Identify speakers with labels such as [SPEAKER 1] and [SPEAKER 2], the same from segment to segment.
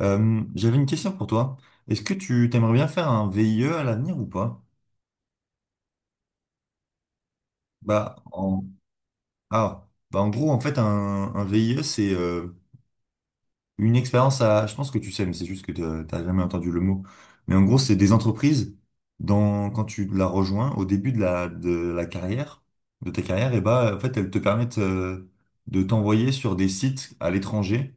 [SPEAKER 1] J'avais une question pour toi. Est-ce que tu t'aimerais bien faire un VIE à l'avenir ou pas? Bah, en... Ah, bah en gros, en fait, un VIE, c'est une expérience à... Je pense que tu sais, mais c'est juste que t'as jamais entendu le mot. Mais en gros, c'est des entreprises, dans... quand tu la rejoins, au début de la carrière, de ta carrière, et bah, en fait, elles te permettent de t'envoyer sur des sites à l'étranger.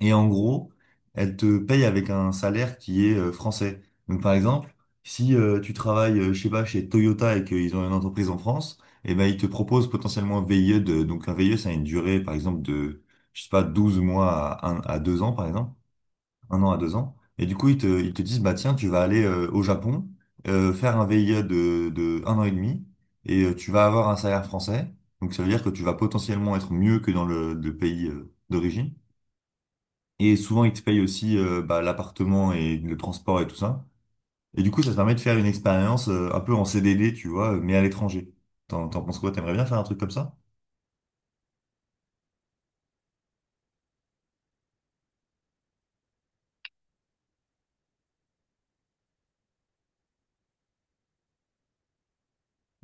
[SPEAKER 1] Et en gros, elle te paye avec un salaire qui est français. Donc par exemple, si tu travailles, je sais pas, chez Toyota et qu'ils ont une entreprise en France, et ben ils te proposent potentiellement un VIE de, donc un VIE, ça a une durée, par exemple, de, je sais pas, 12 mois à, à 2 ans, par exemple, un an à deux ans. Et du coup, ils te disent, bah tiens, tu vas aller au Japon, faire un VIE de un an et demi, et tu vas avoir un salaire français. Donc ça veut dire que tu vas potentiellement être mieux que dans le pays d'origine. Et souvent, ils te payent aussi bah, l'appartement et le transport et tout ça. Et du coup, ça te permet de faire une expérience un peu en CDD, tu vois, mais à l'étranger. T'en penses quoi? T'aimerais bien faire un truc comme ça?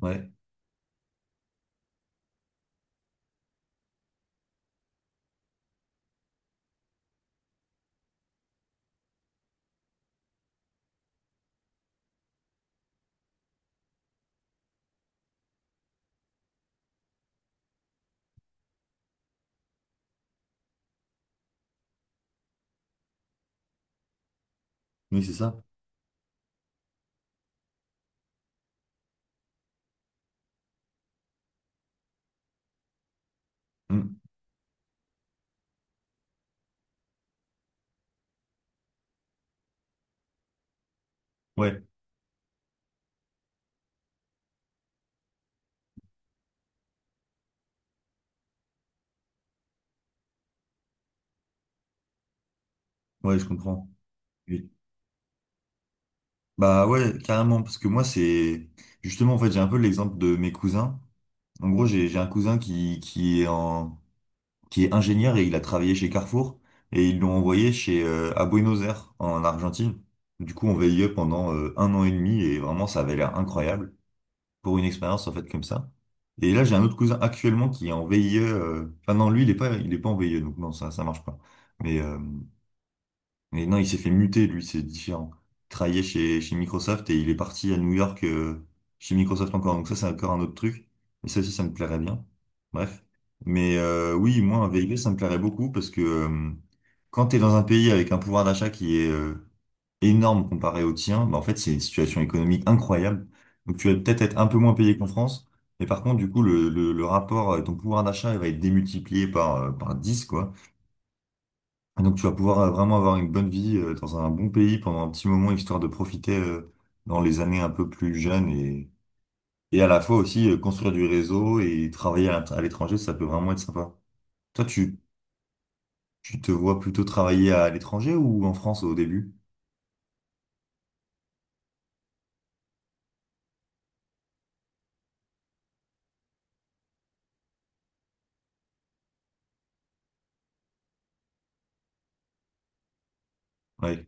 [SPEAKER 1] Ouais, oui, c'est ça. Mm. Ouais, ouais, je comprends. Oui. Bah ouais, carrément, parce que moi, c'est... Justement, en fait, j'ai un peu l'exemple de mes cousins. En gros, j'ai un cousin qui est en... qui est ingénieur et il a travaillé chez Carrefour et ils l'ont envoyé chez à Buenos Aires en Argentine. Du coup, on VIE pendant un an et demi et vraiment ça avait l'air incroyable pour une expérience en fait comme ça. Et là, j'ai un autre cousin actuellement qui est en VIE. Enfin non, lui il est pas en VIE donc non ça marche pas. Mais euh, mais non, il s'est fait muter, lui, c'est différent. Il travaillait chez Microsoft et il est parti à New York chez Microsoft encore. Donc ça, c'est encore un autre truc. Et ça aussi, ça me plairait bien. Bref. Mais oui, moi, un VIB, ça me plairait beaucoup parce que quand tu es dans un pays avec un pouvoir d'achat qui est énorme comparé au tien, bah, en fait, c'est une situation économique incroyable. Donc tu vas peut-être être un peu moins payé qu'en France. Mais par contre, du coup, le rapport, ton pouvoir d'achat, il va être démultiplié par 10 quoi. Et donc tu vas pouvoir vraiment avoir une bonne vie dans un bon pays pendant un petit moment, histoire de profiter dans les années un peu plus jeunes et à la fois aussi construire du réseau et travailler à l'étranger, ça peut vraiment être sympa. Toi, tu te vois plutôt travailler à l'étranger ou en France au début? Ouais.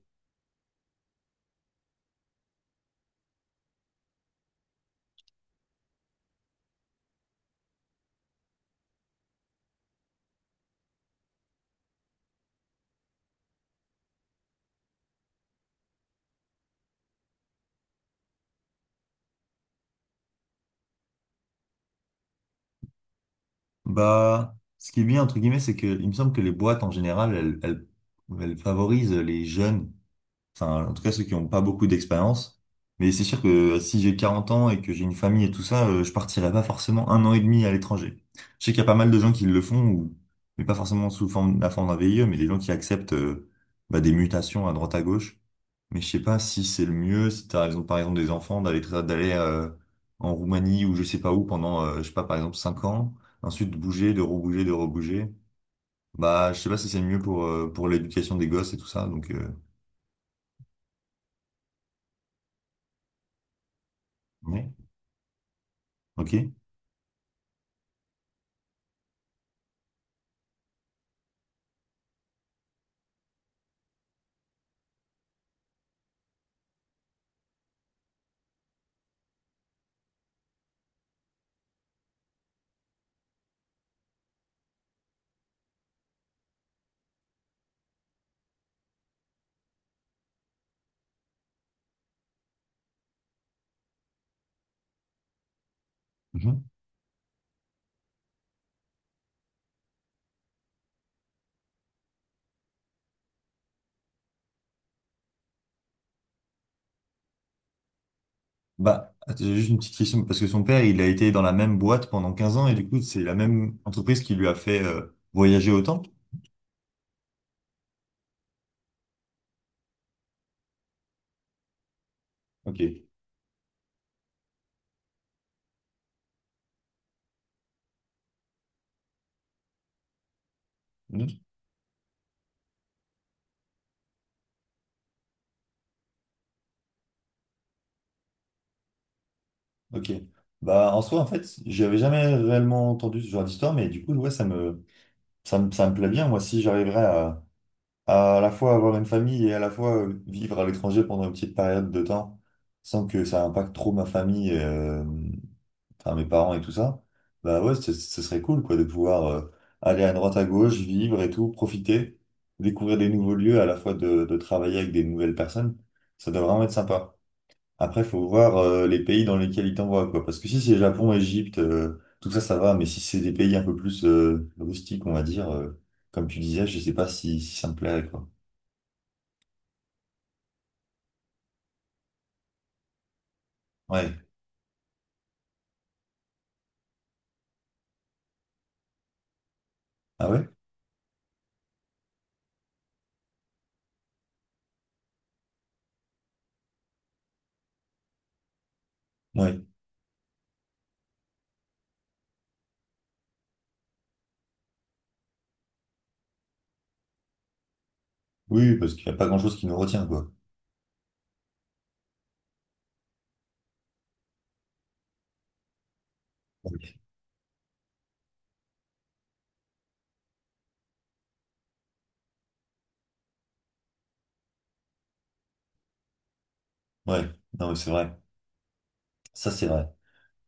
[SPEAKER 1] Bah, ce qui est bien, entre guillemets, c'est que il me semble que les boîtes en général, elles favorisent les jeunes. Enfin, en tout cas, ceux qui n'ont pas beaucoup d'expérience. Mais c'est sûr que si j'ai 40 ans et que j'ai une famille et tout ça, je partirai pas forcément un an et demi à l'étranger. Je sais qu'il y a pas mal de gens qui le font, ou, mais pas forcément sous forme, la forme d'un VIE, mais des gens qui acceptent bah, des mutations à droite à gauche. Mais je sais pas si c'est le mieux, si t'as raison, par exemple, des enfants, d'aller en Roumanie ou je sais pas où pendant, je sais pas, par exemple, 5 ans, ensuite de bouger, de rebouger, de rebouger. Bah, je sais pas si c'est le mieux pour l'éducation des gosses et tout ça, donc... ouais. Ok. Mhm. Bah, attends, j'ai juste une petite question, parce que son père, il a été dans la même boîte pendant 15 ans, et du coup, c'est la même entreprise qui lui a fait voyager autant? Ok. Mhm. Ok. Bah, en soi, en fait, j'avais jamais réellement entendu ce genre d'histoire, mais du coup, ouais, ça me plaît bien. Moi, si j'arriverais à à la fois avoir une famille et à la fois vivre à l'étranger pendant une petite période de temps, sans que ça impacte trop ma famille, enfin mes parents et tout ça, bah ouais, ce serait cool quoi de pouvoir aller à droite à gauche, vivre et tout, profiter, découvrir des nouveaux lieux, à la fois de travailler avec des nouvelles personnes. Ça doit vraiment être sympa. Après, faut voir les pays dans lesquels ils t'envoient quoi, parce que si c'est Japon, Égypte, tout ça, ça va, mais si c'est des pays un peu plus rustiques, on va dire, comme tu disais, je sais pas si ça me plairait quoi. Ouais. Ah ouais? Ouais. Oui, parce qu'il n'y a pas grand-chose qui nous retient quoi. Ouais. Ouais. Non mais c'est vrai. Ça c'est vrai.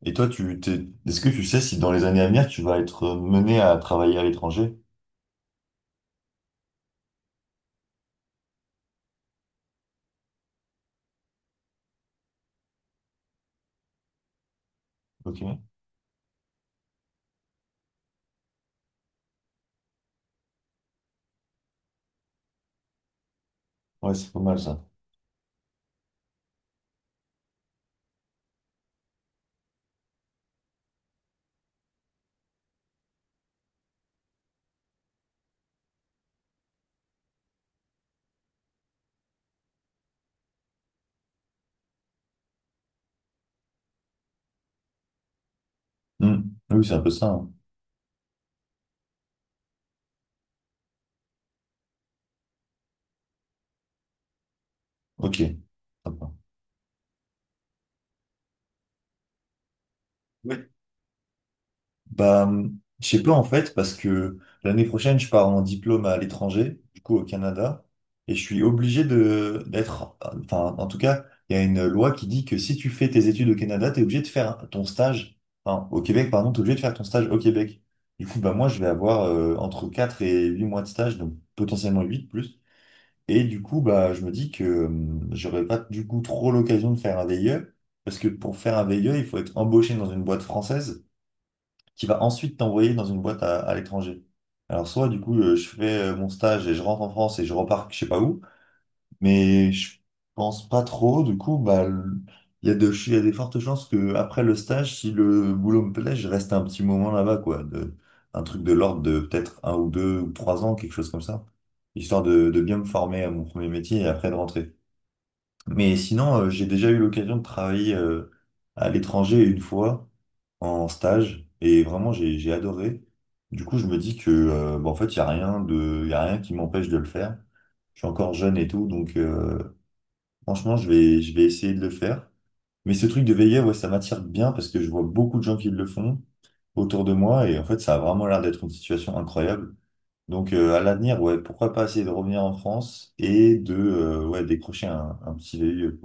[SPEAKER 1] Et toi, est-ce que tu sais si dans les années à venir, tu vas être mené à travailler à l'étranger? Ok. Ouais, c'est pas mal ça. Hmm. Oui, c'est un peu ça. Hein. Ok. Sympa. Ouais. Bah, je sais pas en fait, parce que l'année prochaine, je pars en diplôme à l'étranger, du coup au Canada, et je suis obligé de d'être, enfin, en tout cas, il y a une loi qui dit que si tu fais tes études au Canada, t'es obligé de faire ton stage, enfin, au Québec, pardon, t'es obligé de faire ton stage au Québec. Du coup, bah, moi, je vais avoir entre 4 et 8 mois de stage, donc potentiellement 8 plus. Et du coup, bah, je me dis que j'aurais pas du coup trop l'occasion de faire un VIE, parce que pour faire un VIE, il faut être embauché dans une boîte française qui va ensuite t'envoyer dans une boîte à l'étranger. Alors soit du coup je fais mon stage et je rentre en France et je repars je sais pas où, mais je pense pas trop, du coup bah il y a des fortes chances que après le stage, si le boulot me plaît, je reste un petit moment là-bas, quoi, de, un truc de l'ordre de peut-être un ou deux ou trois ans, quelque chose comme ça, histoire de bien me former à mon premier métier et après de rentrer. Mais sinon, j'ai déjà eu l'occasion de travailler à l'étranger une fois en stage et vraiment j'ai adoré. Du coup, je me dis que bah, en fait, il y a rien de y a rien qui m'empêche de le faire. Je suis encore jeune et tout, donc franchement, je vais essayer de le faire. Mais ce truc de veilleur, ouais, ça m'attire bien parce que je vois beaucoup de gens qui le font autour de moi et en fait, ça a vraiment l'air d'être une situation incroyable. Donc à l'avenir, ouais, pourquoi pas essayer de revenir en France et de ouais, décrocher un petit VIE.